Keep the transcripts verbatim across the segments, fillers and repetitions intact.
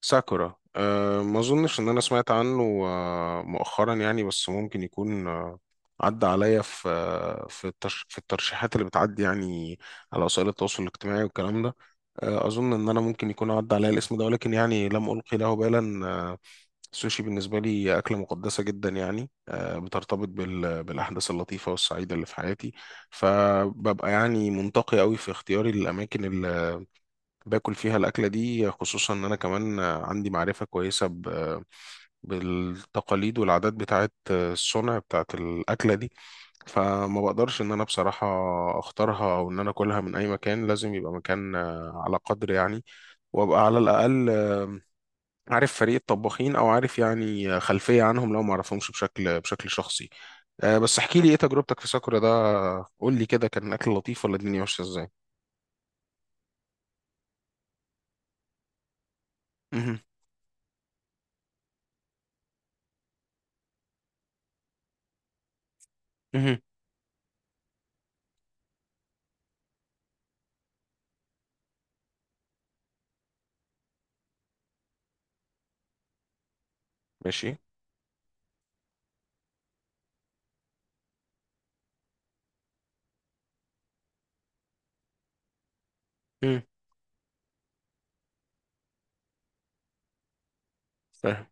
ساكورا. أه ما اظنش ان انا سمعت عنه، آه، مؤخرا يعني، بس ممكن يكون آه، عدى عليا في آه، في الترش في الترشيحات اللي بتعدي يعني على وسائل التواصل الاجتماعي والكلام ده. آه، اظن ان انا ممكن يكون عدى عليا الاسم ده، ولكن يعني لم القي له بالا. آه، السوشي بالنسبه لي اكله مقدسه جدا يعني، آه، بترتبط بال بالاحداث اللطيفه والسعيده اللي في حياتي، فببقى يعني منتقي قوي في اختياري للاماكن باكل فيها الأكلة دي، خصوصا إن أنا كمان عندي معرفة كويسة ب- بالتقاليد والعادات بتاعت الصنع بتاعت الأكلة دي. فما بقدرش إن أنا بصراحة أختارها أو إن أنا أكلها من أي مكان، لازم يبقى مكان آه، على قدر يعني، وأبقى على الأقل آه، عارف فريق الطباخين، أو عارف يعني آه، خلفية عنهم لو ما أعرفهمش بشكل بشكل شخصي. أه، بس احكي لي إيه تجربتك في ساكورا ده، قول لي كده، كان الأكل لطيف ولا الدنيا ماشية إزاي؟ مهم. مهم. ماشي. مهم. فاهم.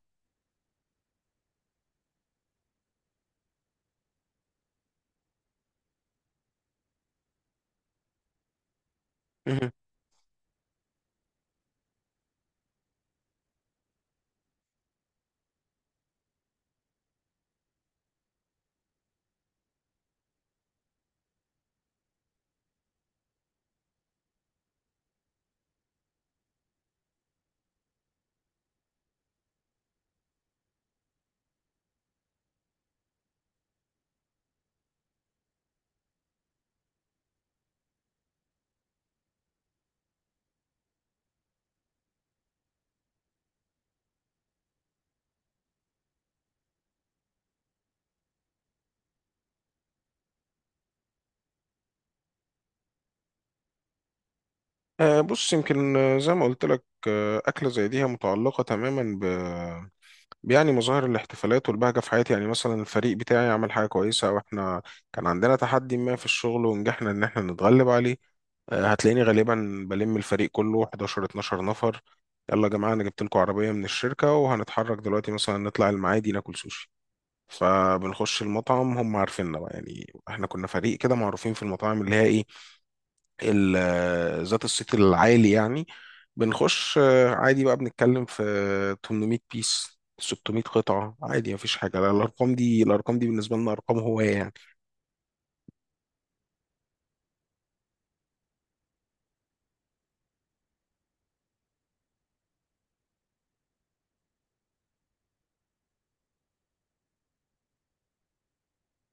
آه، بص، يمكن آه، زي ما قلت لك، آه، أكلة زي دي هي متعلقة تماما ب يعني مظاهر الاحتفالات والبهجة في حياتي. يعني مثلا الفريق بتاعي عمل حاجة كويسة، أو إحنا كان عندنا تحدي ما في الشغل ونجحنا إن إحنا نتغلب عليه، آه، هتلاقيني غالبا بلم الفريق كله احد عشر اتناشر نفر. يلا يا جماعة، أنا جبت لكم عربية من الشركة وهنتحرك دلوقتي مثلا نطلع المعادي ناكل سوشي. فبنخش المطعم، هم عارفيننا بقى، يعني إحنا كنا فريق كده معروفين في المطاعم اللي هي إيه ال- ذات الصيت العالي يعني. بنخش آه، عادي بقى، بنتكلم في تمنميه بيس ستمائة قطعة، عادي، مفيش حاجة، لا الأرقام دي الأرقام دي بالنسبة لنا أرقام هواية يعني.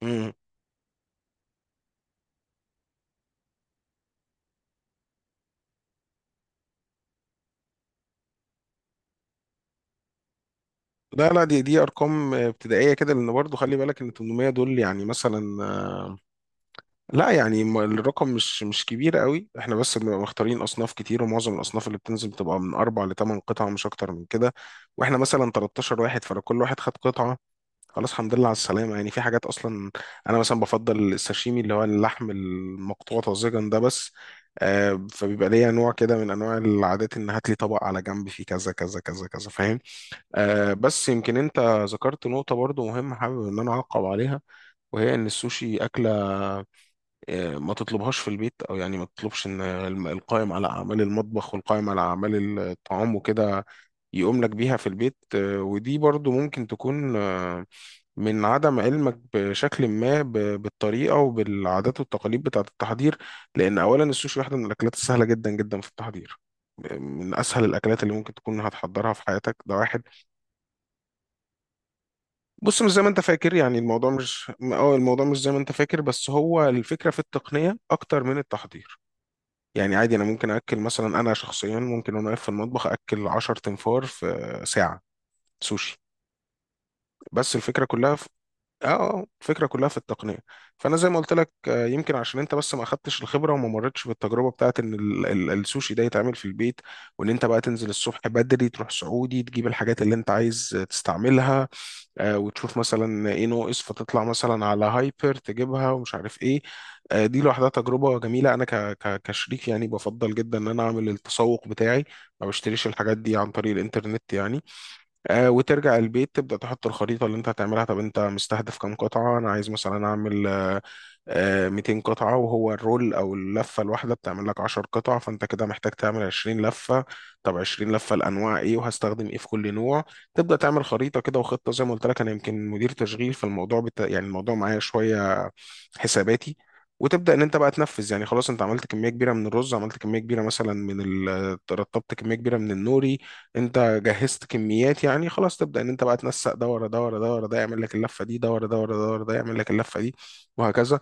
مم. لا لا، دي دي أرقام آه، ابتدائية كده، لأن برضو خلي بالك إن تمنميه دول يعني مثلا، آه، لا يعني م- الرقم مش مش كبير قوي، إحنا بس بنبقى مختارين أصناف كتير، ومعظم الأصناف اللي بتنزل بتبقى من أربع لثمان قطع، مش أكتر من كده. وإحنا مثلا تلتاشر واحد، فلو كل واحد خد قطعة خلاص، الحمد لله على السلامة يعني. في حاجات أصلا أنا مثلا بفضل الساشيمي، اللي هو اللحم المقطوع طازجا ده بس. آه فبيبقى ليا نوع كده من أنواع العادات، إن هات لي طبق على جنب فيه كذا كذا كذا كذا، فاهم. آه بس يمكن أنت ذكرت نقطة برضو مهمة، حابب إن أنا أعقب عليها، وهي إن السوشي أكلة آه ما تطلبهاش في البيت، أو يعني ما تطلبش إن الم- القائم على أعمال المطبخ والقائم على أعمال الطعام وكده يقوم لك بيها في البيت. آه، ودي برضو ممكن تكون آه، من عدم علمك بشكل ما ب- بالطريقة وبالعادات والتقاليد بتاعة التحضير، لأن أولا السوشي واحدة من الأكلات السهلة جدا جدا في التحضير، من أسهل الأكلات اللي ممكن تكون هتحضرها في حياتك، ده واحد. بص، مش زي ما أنت فاكر يعني، الموضوع مش أه الموضوع مش زي ما أنت فاكر، بس هو الفكرة في التقنية أكتر من التحضير. يعني عادي أنا ممكن أكل، مثلا أنا شخصيا ممكن وأنا واقف في المطبخ أكل عشر تنفار في ساعة سوشي. بس الفكرة كلها في اه آه، الفكره كلها في التقنيه. فانا زي ما قلت لك، آه، يمكن عشان انت بس ما اخدتش الخبره وما مرتش بالتجربه بتاعت ان ال- ال- السوشي ده يتعمل في البيت، وان انت بقى تنزل الصبح بدري تروح سعودي تجيب الحاجات اللي انت عايز تستعملها، آه، وتشوف مثلا ايه ناقص فتطلع مثلا على هايبر تجيبها، ومش عارف ايه. آه، دي لوحدها تجربه جميله، انا ك ك كشريك يعني بفضل جدا ان انا اعمل التسوق بتاعي، ما بشتريش الحاجات دي عن طريق الانترنت يعني. آه، وترجع البيت تبدأ تحط الخريطة اللي انت هتعملها، طب انت مستهدف كام قطعة؟ انا عايز مثلا اعمل آه، آه، ميتين قطعة، وهو الرول أو اللفة الواحدة بتعمل لك عشر قطع، فأنت كده محتاج تعمل عشرين لفة. طب عشرين لفة الأنواع إيه وهستخدم إيه في كل نوع؟ تبدأ تعمل خريطة كده وخطة، زي ما قلت لك أنا يمكن مدير تشغيل فالموضوع بتا... يعني الموضوع معايا شوية حساباتي. وتبدا ان انت بقى تنفذ، يعني خلاص انت عملت كميه كبيره من الرز، عملت كميه كبيره مثلا من ال... رطبت كميه كبيره من النوري، انت جهزت كميات يعني خلاص. تبدا ان انت بقى تنسق ده ورا ده ورا ده ورا ده يعمل لك اللفه دي، ده ورا ده ورا ده ورا ده يعمل لك اللفه دي، وهكذا.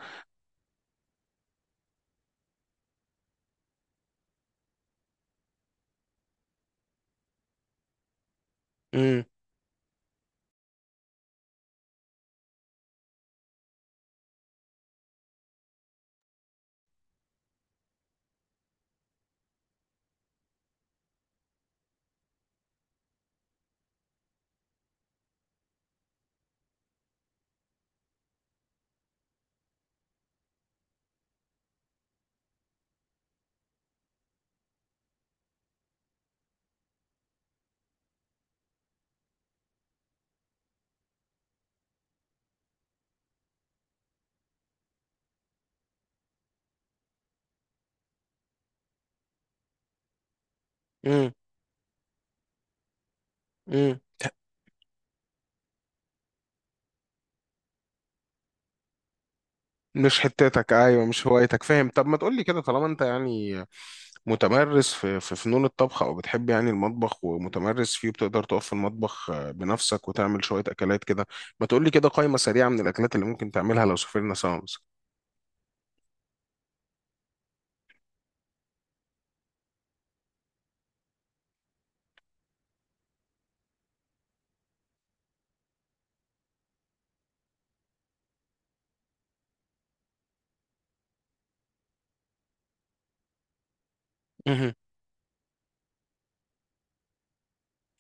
امم. امم. امم. مش حتتك، ايوه، مش هوايتك، فاهم. طب ما تقولي كده، طالما انت يعني متمرس في في فنون الطبخ، او بتحب يعني المطبخ ومتمرس فيه، بتقدر تقف في المطبخ آه، بنفسك وتعمل شويه اكلات كده، ما تقولي كده قائمه سريعه من الاكلات اللي ممكن تعملها لو سافرنا سوا مثلا. مهم.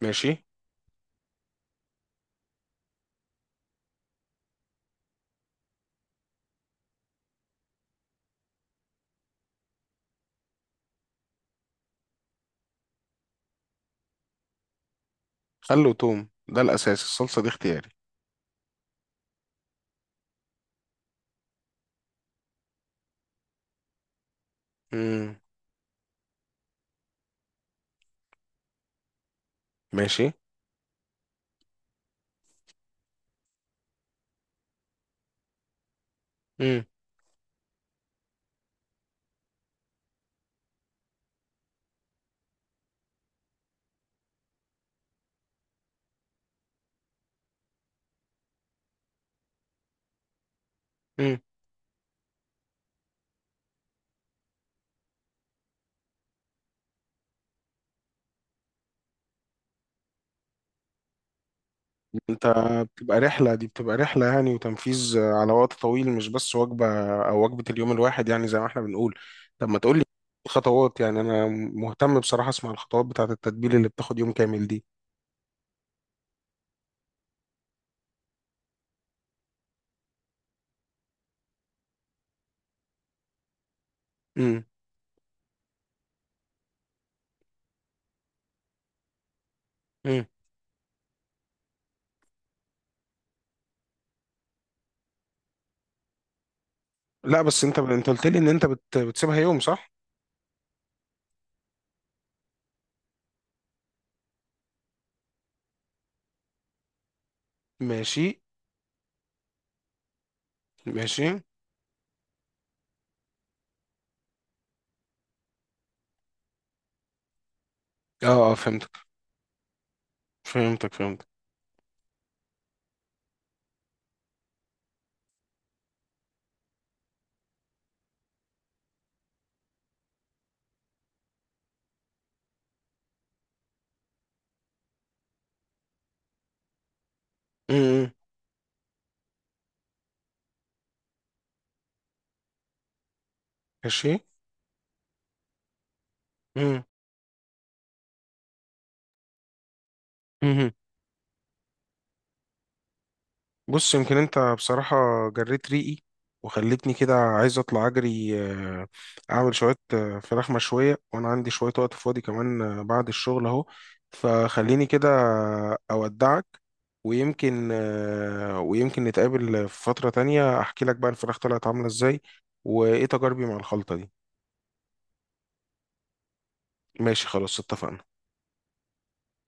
ماشي. خل وتوم ده الاساس، الصلصه دي اختياري. امم. ماشي. امم. انت بتبقى رحلة دي بتبقى رحلة يعني، وتنفيذ على وقت طويل، مش بس وجبة او وجبة اليوم الواحد يعني، زي ما احنا بنقول. طب ما تقولي خطوات يعني، انا مهتم بصراحة اسمع الخطوات بتاعة التتبيل اللي بتاخد يوم كامل دي. امم. امم. لا بس انت، انت قلت لي ان انت بت... بتسيبها يوم، صح. ماشي. ماشي. اه. اه. فهمتك. فهمتك. فهمتك. امم. ماشي. امم. بص، يمكن انت بصراحة جريت ريقي، وخلتني كده عايز اطلع اجري، آه، اعمل شوية آه، فراخ مشوية، وانا عندي شوية وقت فاضي كمان آه، بعد الشغل اهو. فخليني كده اودعك، ويمكن آه، ويمكن نتقابل في فترة تانية، احكي لك بقى الفراخ طلعت عاملة ازاي، وايه تجاربي مع الخلطة دي. ماشي، خلاص، اتفقنا.